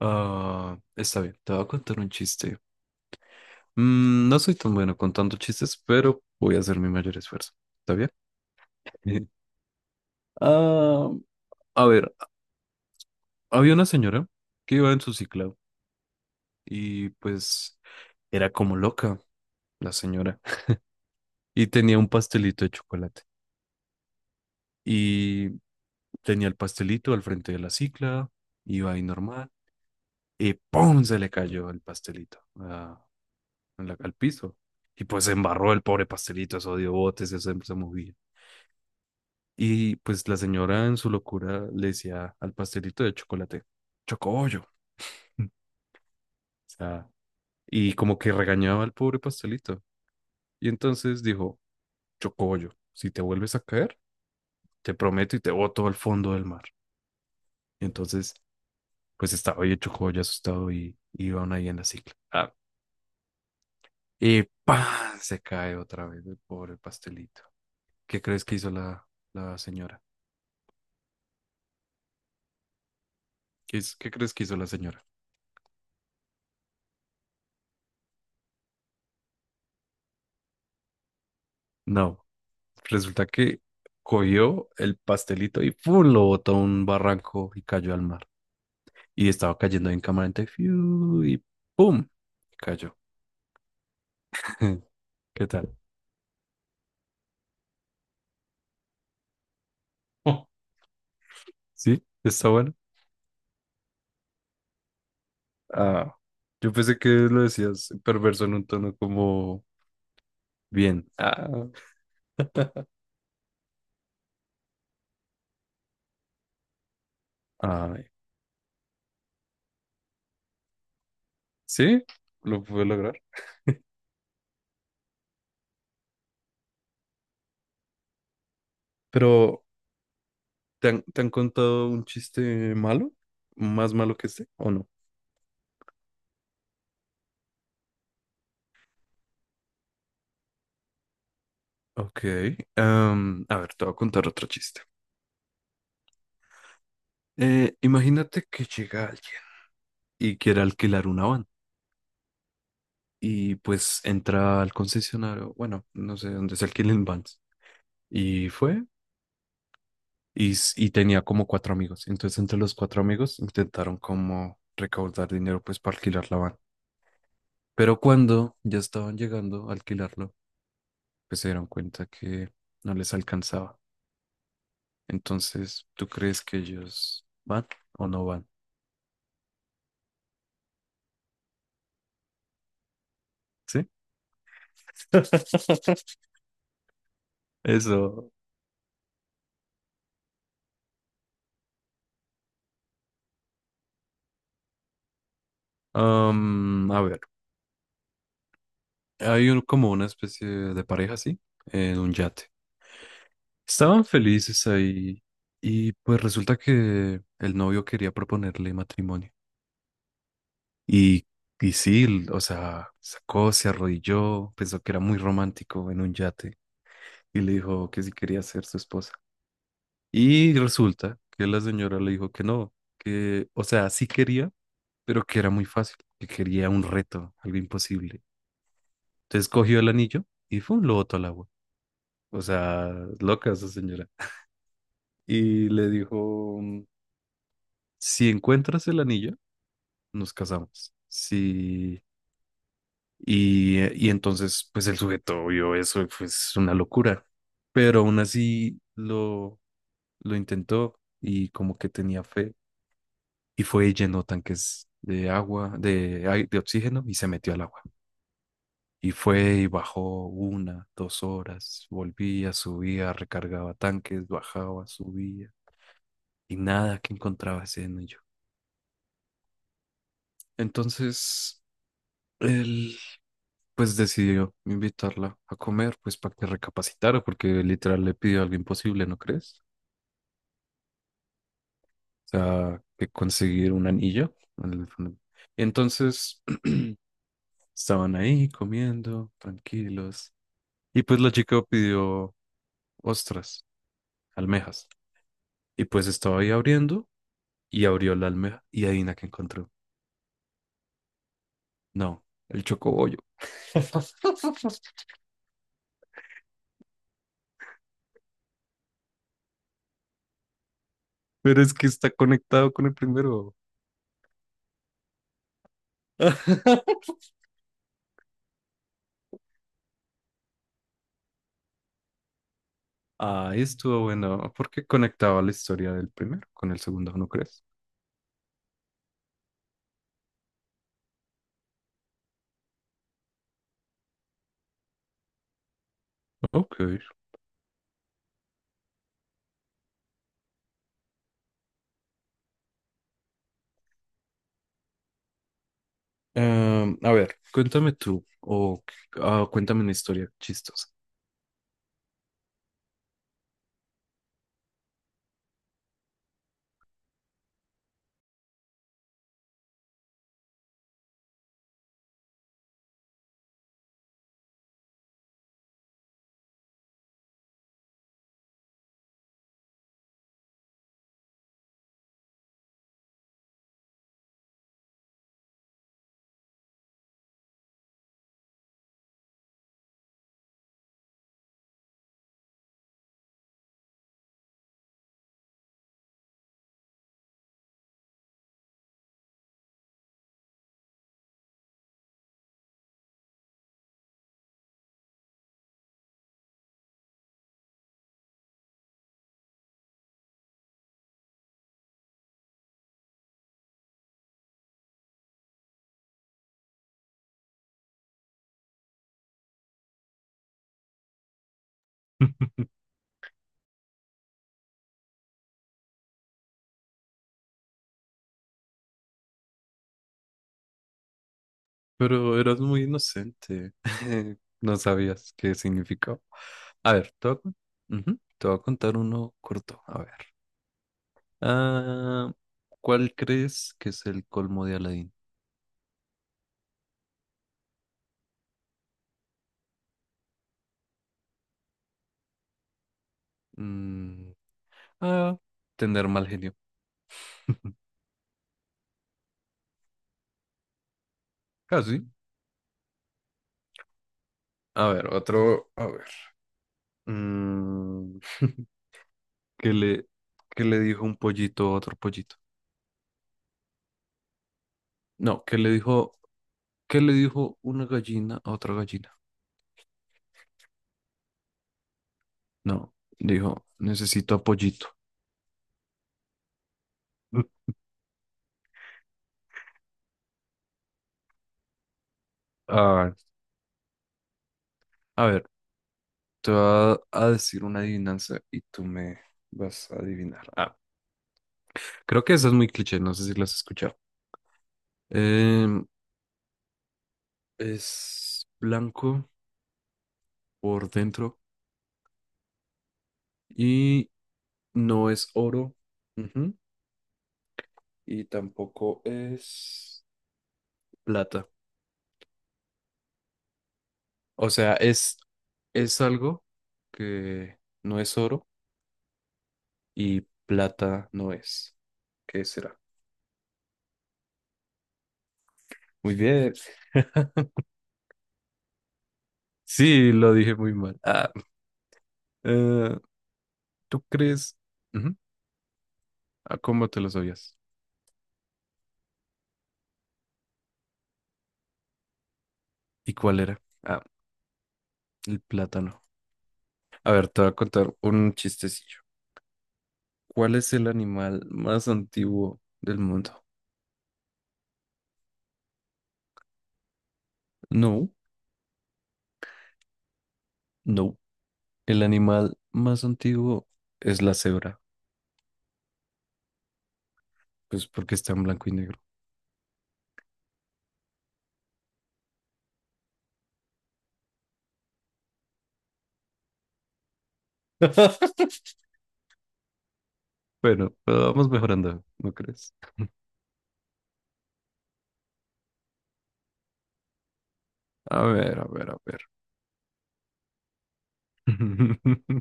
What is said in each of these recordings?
Está bien, te voy a contar un chiste. No soy tan bueno contando chistes, pero voy a hacer mi mayor esfuerzo. ¿Está bien? Ah, a ver, había una señora que iba en su cicla y pues era como loca la señora y tenía un pastelito de chocolate y tenía el pastelito al frente de la cicla, iba ahí normal y ¡pum! Se le cayó el pastelito, en al piso y pues se embarró el pobre pastelito, eso dio botes, eso se movía. Y pues la señora en su locura le decía al pastelito de chocolate, chocobollo. O sea, y como que regañaba al pobre pastelito. Y entonces dijo, chocobollo, si te vuelves a caer, te prometo y te boto al fondo del mar. Y entonces, pues estaba ahí el chocobollo asustado y iban ahí en la cicla. Y ¡pam! Se cae otra vez el pobre pastelito. ¿Qué crees que hizo la señora? ¿Qué, qué crees que hizo la señora? No. Resulta que cogió el pastelito y ¡pum! Lo botó a un barranco y cayó al mar. Y estaba cayendo en cámara lenta y ¡fiu! Y ¡pum! Cayó. ¿Qué tal? Oh, ¿sí? ¿Está bueno? Ah, yo pensé que lo decías perverso en un tono como bien. Ay. ¿Sí? Lo pude lograr. Pero, te han contado un chiste malo? ¿Más malo que este o no? Ok. A ver, te voy a contar otro chiste. Imagínate que llega alguien y quiere alquilar una van y pues entra al concesionario, bueno, no sé dónde se alquilen vans y fue y, y tenía como cuatro amigos. Entonces entre los cuatro amigos intentaron como recaudar dinero pues para alquilar la van. Pero cuando ya estaban llegando a alquilarlo, pues se dieron cuenta que no les alcanzaba. Entonces, ¿tú crees que ellos van o no van? ¿Sí? Eso. A ver. Hay como una especie de pareja así, en un yate. Estaban felices ahí y pues resulta que el novio quería proponerle matrimonio. Y, y sí, o sea, sacó, se arrodilló, pensó que era muy romántico en un yate y le dijo que si quería ser su esposa. Y resulta que la señora le dijo que no, que, o sea, sí quería, pero que era muy fácil, que quería un reto, algo imposible. Entonces cogió el anillo y fue lo botó al agua. O sea, loca esa señora. Y le dijo, si encuentras el anillo, nos casamos. Sí, y entonces, pues el sujeto vio eso y fue es una locura, pero aún así lo intentó y como que tenía fe y fue y llenó tanques de agua, de, de oxígeno y se metió al agua. Y fue y bajó una, dos horas, volvía, subía, recargaba tanques, bajaba, subía y nada que encontraba ese anillo. Entonces él pues decidió invitarla a comer pues para que recapacitara porque literal le pidió algo imposible, ¿no crees? O sea, que conseguir un anillo. el- Entonces estaban ahí comiendo, tranquilos. Y pues la chica pidió ostras, almejas. Y pues estaba ahí abriendo y abrió la almeja y adivina que encontró. No, el chocobollo. Pero es que está conectado con el primero. Ah, estuvo bueno, porque conectaba la historia del primero con el segundo, ¿no crees? Ok. A ver, cuéntame tú, o cuéntame una historia chistosa. Pero eras muy inocente, no sabías qué significaba. A ver, te voy a, con- ujú, te voy a contar uno corto, a ver. Ah, ¿Cuál crees que es el colmo de Aladdin? Mm, ah, tener mal genio. Casi. A ver, otro, a ver. Mm, ¿Qué le, qué le dijo un pollito a otro pollito? No, qué le dijo una gallina a otra gallina? No, dijo, necesito a pollito. Ah, a ver, te voy a, a decir una adivinanza y tú me vas a adivinar. Creo que esa es muy cliché, no sé si la has escuchado. Em, es blanco por dentro y no es oro. Ujú, y tampoco es plata. O sea, es algo que no es oro y plata no es. ¿Qué será? Muy bien. Sí, lo dije muy mal. Eh, ¿Tú crees? Ujú. ¿Cómo te lo sabías? ¿Y cuál era? El plátano. A ver, te voy a contar un chistecillo. ¿Cuál es el animal más antiguo del mundo? No, no. El animal más antiguo es la cebra, pues porque está en blanco y negro. Bueno, pero vamos mejorando, ¿no crees? A ver, a ver, a ver.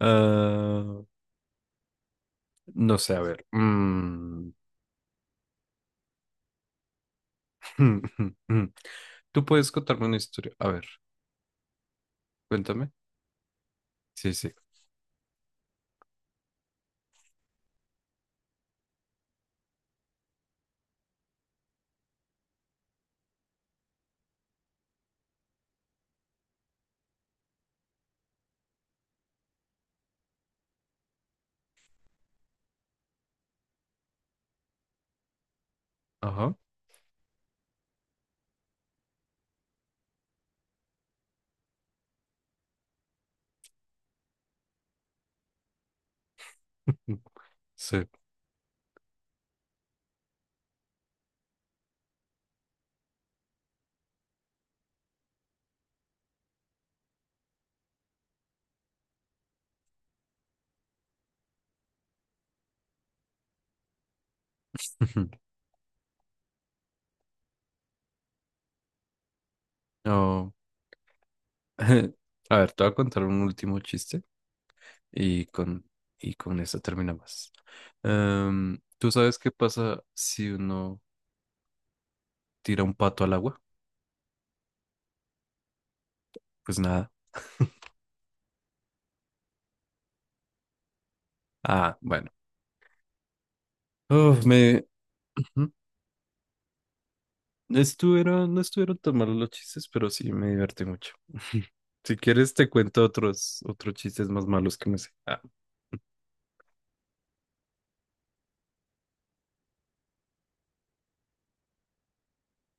Ah, no sé, a ver. Tú puedes contarme una historia. A ver, cuéntame. Sí, sí. Ajá. Sí. Oh, A ver, te voy a contar un último chiste y con, y con eso terminamos. ¿Tú sabes qué pasa si uno tira un pato al agua? Pues nada. Ah, bueno. Uf, me, No estuvieron, no estuvieron tan malos los chistes, pero sí me divertí mucho. Si quieres, te cuento otros chistes más malos que me sé. Ah.